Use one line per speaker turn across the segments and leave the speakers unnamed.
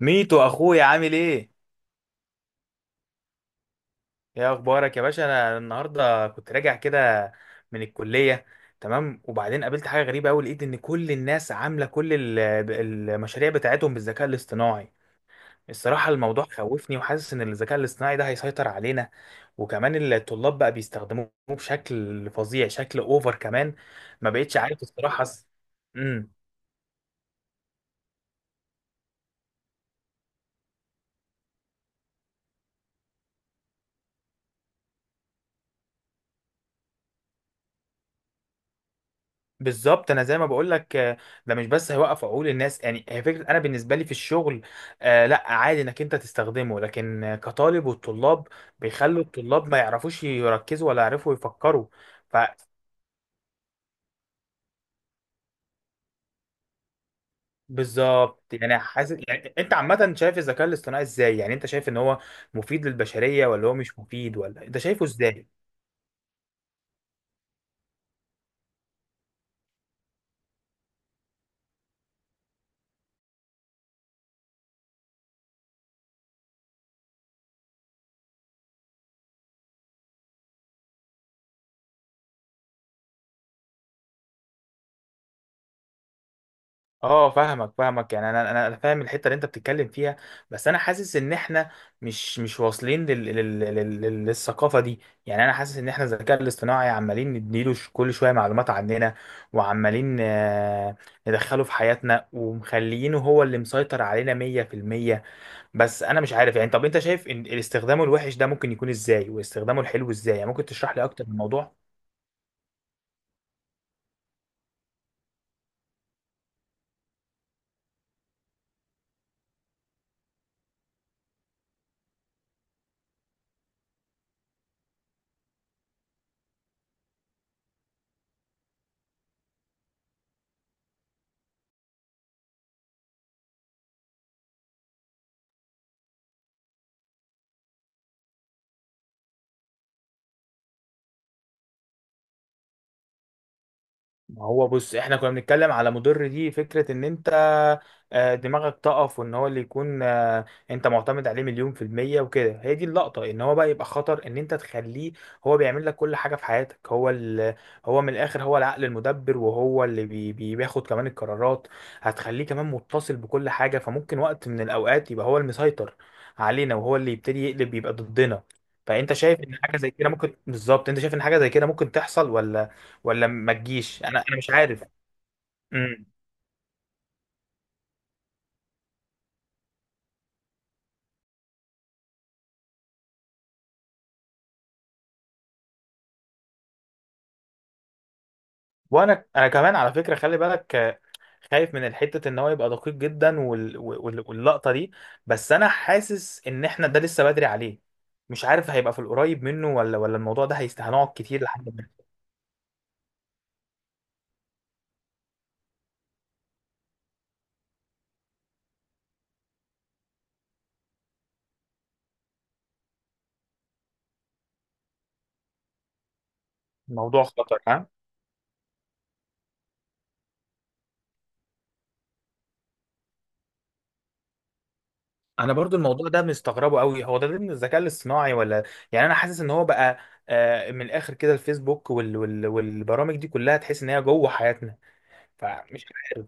ميتو اخويا، عامل ايه؟ ايه اخبارك يا باشا؟ انا النهارده كنت راجع كده من الكليه. تمام، وبعدين قابلت حاجه غريبه قوي. لقيت ان كل الناس عامله المشاريع بتاعتهم بالذكاء الاصطناعي. الصراحه الموضوع خوفني، وحاسس ان الذكاء الاصطناعي ده هيسيطر علينا. وكمان الطلاب بقى بيستخدموه بشكل فظيع، شكل اوفر كمان. ما بقتش عارف الصراحه. امم. بالظبط، انا زي ما بقول لك. ده مش بس هيوقف عقول الناس، يعني هي فكره. انا بالنسبه لي في الشغل لا، عادي انك انت تستخدمه، لكن كطالب والطلاب بيخلوا الطلاب ما يعرفوش يركزوا ولا يعرفوا يفكروا. ف بالظبط. يعني حاسس، يعني انت عامه شايف الذكاء الاصطناعي ازاي؟ يعني انت شايف ان هو مفيد للبشريه، ولا هو مش مفيد، ولا انت شايفه ازاي؟ اه، فاهمك فاهمك. يعني انا انا أنا فاهم الحته اللي انت بتتكلم فيها، بس انا حاسس ان احنا مش واصلين للثقافه دي. يعني انا حاسس ان احنا الذكاء الاصطناعي عمالين نديله كل شويه معلومات عننا، وعمالين ندخله في حياتنا، ومخليينه هو اللي مسيطر علينا 100%. بس انا مش عارف يعني. طب انت شايف ان استخدامه الوحش ده ممكن يكون ازاي، واستخدامه الحلو ازاي؟ يعني ممكن تشرح لي اكتر الموضوع. ما هو بص، احنا كنا بنتكلم على مضر. دي فكرة ان انت دماغك تقف، وان هو اللي يكون انت معتمد عليه مليون في المية وكده. هي دي اللقطة. ان هو بقى يبقى خطر ان انت تخليه هو بيعمل لك كل حاجة في حياتك. هو من الاخر هو العقل المدبر، وهو اللي بياخد كمان القرارات. هتخليه كمان متصل بكل حاجة، فممكن وقت من الاوقات يبقى هو المسيطر علينا، وهو اللي يبتدي يقلب يبقى ضدنا. فانت شايف ان حاجة زي كده ممكن؟ بالظبط، انت شايف ان حاجة زي كده ممكن تحصل ولا ما تجيش؟ انا مش عارف. امم. وانا كمان على فكره، خلي بالك، خايف من الحته ان هو يبقى دقيق جدا، واللقطه دي. بس انا حاسس ان احنا ده لسه بدري عليه. مش عارف هيبقى في القريب منه، ولا الموضوع ده هنقعد كتير لحد ما الموضوع خطر. ها، انا برضو الموضوع ده مستغربه قوي. هو ده ضمن الذكاء الاصطناعي ولا؟ يعني انا حاسس ان هو بقى من الاخر كده الفيسبوك والبرامج دي كلها تحس ان هي جوه حياتنا. فمش عارف.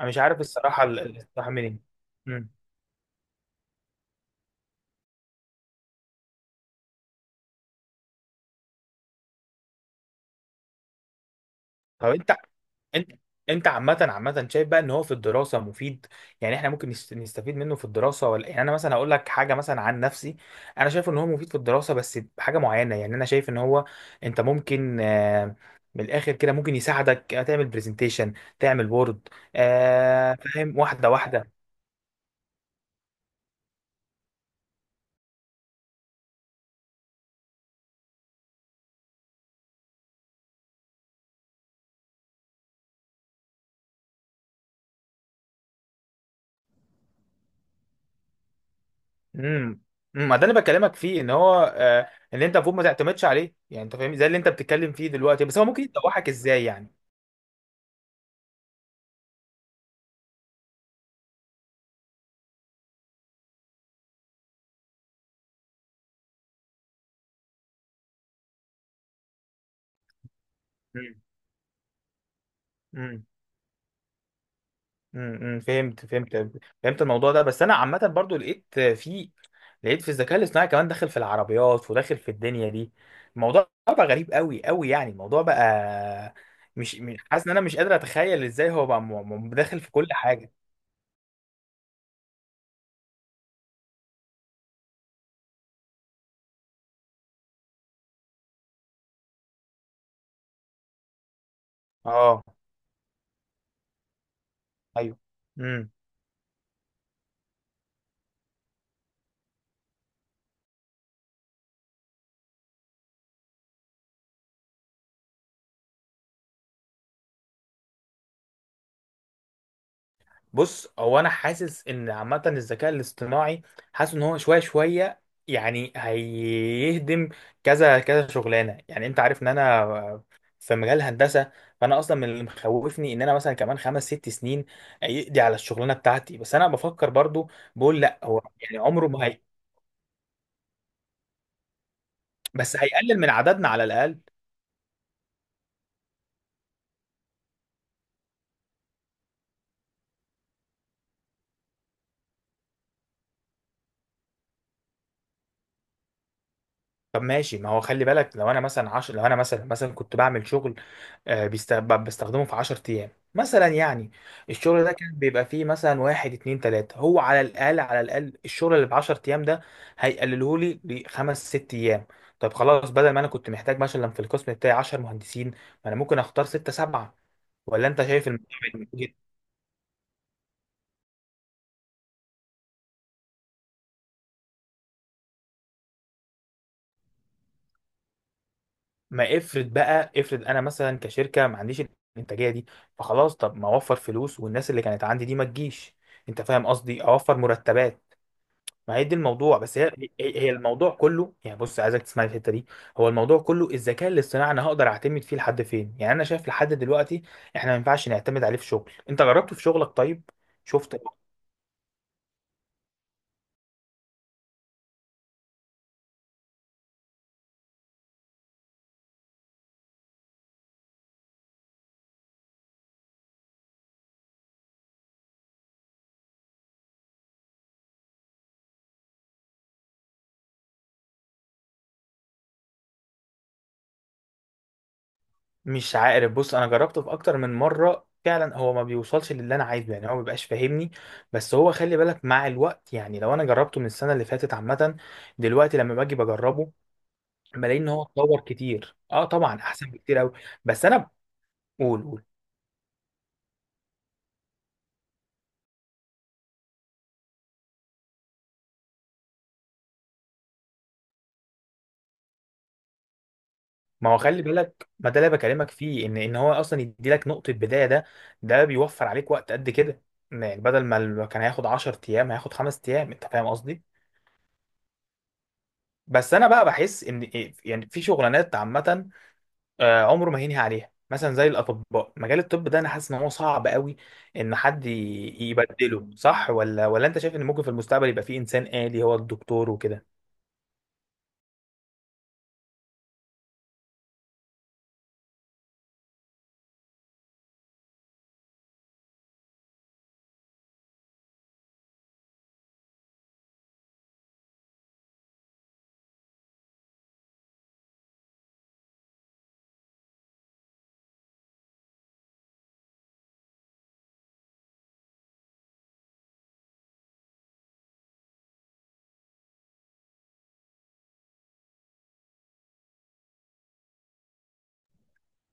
انا مش عارف الصراحه الاصطلاح منين. مم. طب انت، انت انت عامه شايف بقى ان هو في الدراسه مفيد؟ يعني احنا ممكن نستفيد منه في الدراسه ولا؟ يعني انا مثلا هقول لك حاجه مثلا عن نفسي. انا شايف ان هو مفيد في الدراسه، بس بحاجه معينه. يعني انا شايف ان هو، انت ممكن، من الاخر كده ممكن يساعدك تعمل برزنتيشن، تعمل وورد. فاهم؟ واحده واحده. امم. ما ده اللي بكلمك فيه، ان هو ان انت المفروض ما تعتمدش عليه. يعني انت فاهم زي اللي انت بتتكلم فيه دلوقتي، بس هو ممكن يدوحك ازاي يعني؟ امم. امم. امم. فهمت فهمت. فهمت الموضوع ده. بس انا عامه برضو لقيت في الذكاء الاصطناعي كمان داخل في العربيات، وداخل في الدنيا دي. الموضوع بقى غريب قوي قوي. يعني الموضوع بقى حاسس ان انا مش قادر اتخيل ازاي هو بقى داخل في كل حاجه. اه. ايوه. امم. بص، هو انا حاسس ان عامه الذكاء الاصطناعي، حاسس ان هو شويه شويه يعني هيهدم كذا كذا شغلانه. يعني انت عارف ان انا في مجال الهندسه، فانا اصلا من اللي مخوفني ان انا مثلا كمان خمس ست سنين يقضي على الشغلانه بتاعتي. بس انا بفكر برضو، بقول لا هو يعني عمره ما هي، بس هيقلل من عددنا على الاقل. طب ماشي، ما هو خلي بالك، لو انا مثلا كنت بعمل شغل بستخدمه في 10 ايام مثلا يعني، الشغل ده كان بيبقى فيه مثلا واحد اتنين تلاتة. هو على الاقل على الاقل الشغل اللي ب 10 ايام ده هيقلله لي لخمس ست ايام. طب خلاص، بدل ما انا كنت محتاج مثلا في القسم بتاعي 10 مهندسين، ما انا ممكن اختار ستة سبعة. ولا انت شايف الموضوع؟ ما افرض انا مثلا كشركه ما عنديش الانتاجيه دي، فخلاص طب ما اوفر فلوس، والناس اللي كانت عندي دي ما تجيش. انت فاهم قصدي، اوفر مرتبات. ما هي دي الموضوع. بس هي الموضوع كله. يعني بص، عايزك تسمعني الحته دي. هو الموضوع كله الذكاء الاصطناعي انا هقدر اعتمد فيه لحد فين؟ يعني انا شايف لحد دلوقتي احنا ما ينفعش نعتمد عليه في شغل. انت جربته في شغلك طيب؟ شفت؟ مش عارف. بص، انا جربته في اكتر من مره فعلا، هو ما بيوصلش للي انا عايزه، يعني هو ما بيبقاش فاهمني. بس هو خلي بالك مع الوقت، يعني لو انا جربته من السنه اللي فاتت، عامه دلوقتي لما باجي بجربه بلاقي ان هو اتطور كتير. اه طبعا، احسن بكتير قوي. بس انا، قول قول. ما هو خلي بالك، ما ده اللي بكلمك فيه، ان هو اصلا يدي لك نقطه بدايه. ده ده بيوفر عليك وقت قد كده. يعني بدل ما كان هياخد 10 ايام، هياخد 5 ايام. انت فاهم قصدي؟ بس انا بقى بحس ان يعني في شغلانات عامه عمره ما هينهي عليها، مثلا زي الاطباء. مجال الطب ده انا حاسس ان هو صعب قوي ان حد يبدله، صح؟ ولا انت شايف ان ممكن في المستقبل يبقى في انسان آلي هو الدكتور وكده؟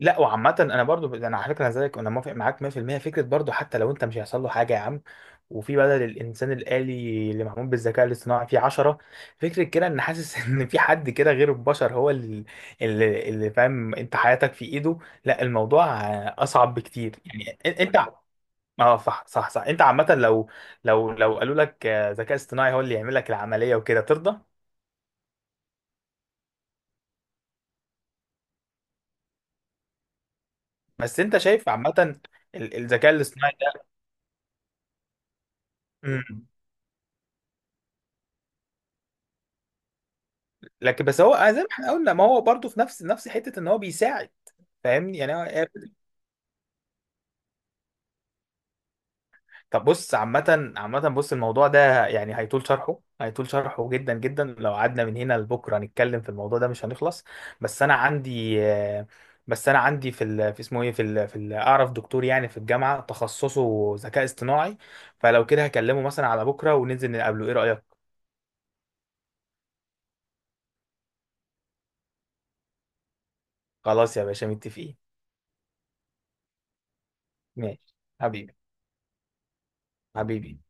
لا وعامة، انا برضو انا على فكرة، أنا زيك، انا موافق معاك 100%. فكرة برضو حتى لو انت مش هيحصل له حاجة يا عم، وفي بدل الانسان الآلي اللي معمول بالذكاء الاصطناعي في عشرة، فكرة كده ان حاسس ان في حد كده غير البشر هو اللي اللي فاهم انت حياتك في ايده. لا، الموضوع اصعب بكتير. يعني انت، اه صح صح صح. انت عامة لو قالوا لك ذكاء اصطناعي هو اللي يعمل لك العملية وكده، ترضى؟ بس انت شايف عامة الذكاء الاصطناعي ده؟ مم. لكن بس هو زي ما احنا قلنا، ما هو برضه في نفس نفس حتة ان هو بيساعد. فاهمني يعني، هو طب بص، عامة عامة بص، الموضوع ده يعني هيطول شرحه، هيطول شرحه جدا جدا. لو قعدنا من هنا لبكرة نتكلم في الموضوع ده مش هنخلص. بس أنا عندي بس أنا عندي في ال... في اسمه إيه في ال... في ال... أعرف دكتور يعني في الجامعة تخصصه ذكاء اصطناعي. فلو كده هكلمه مثلا على بكرة وننزل نقابله، إيه رأيك؟ خلاص يا باشا، متفقين. ماشي حبيبي، حبيبي.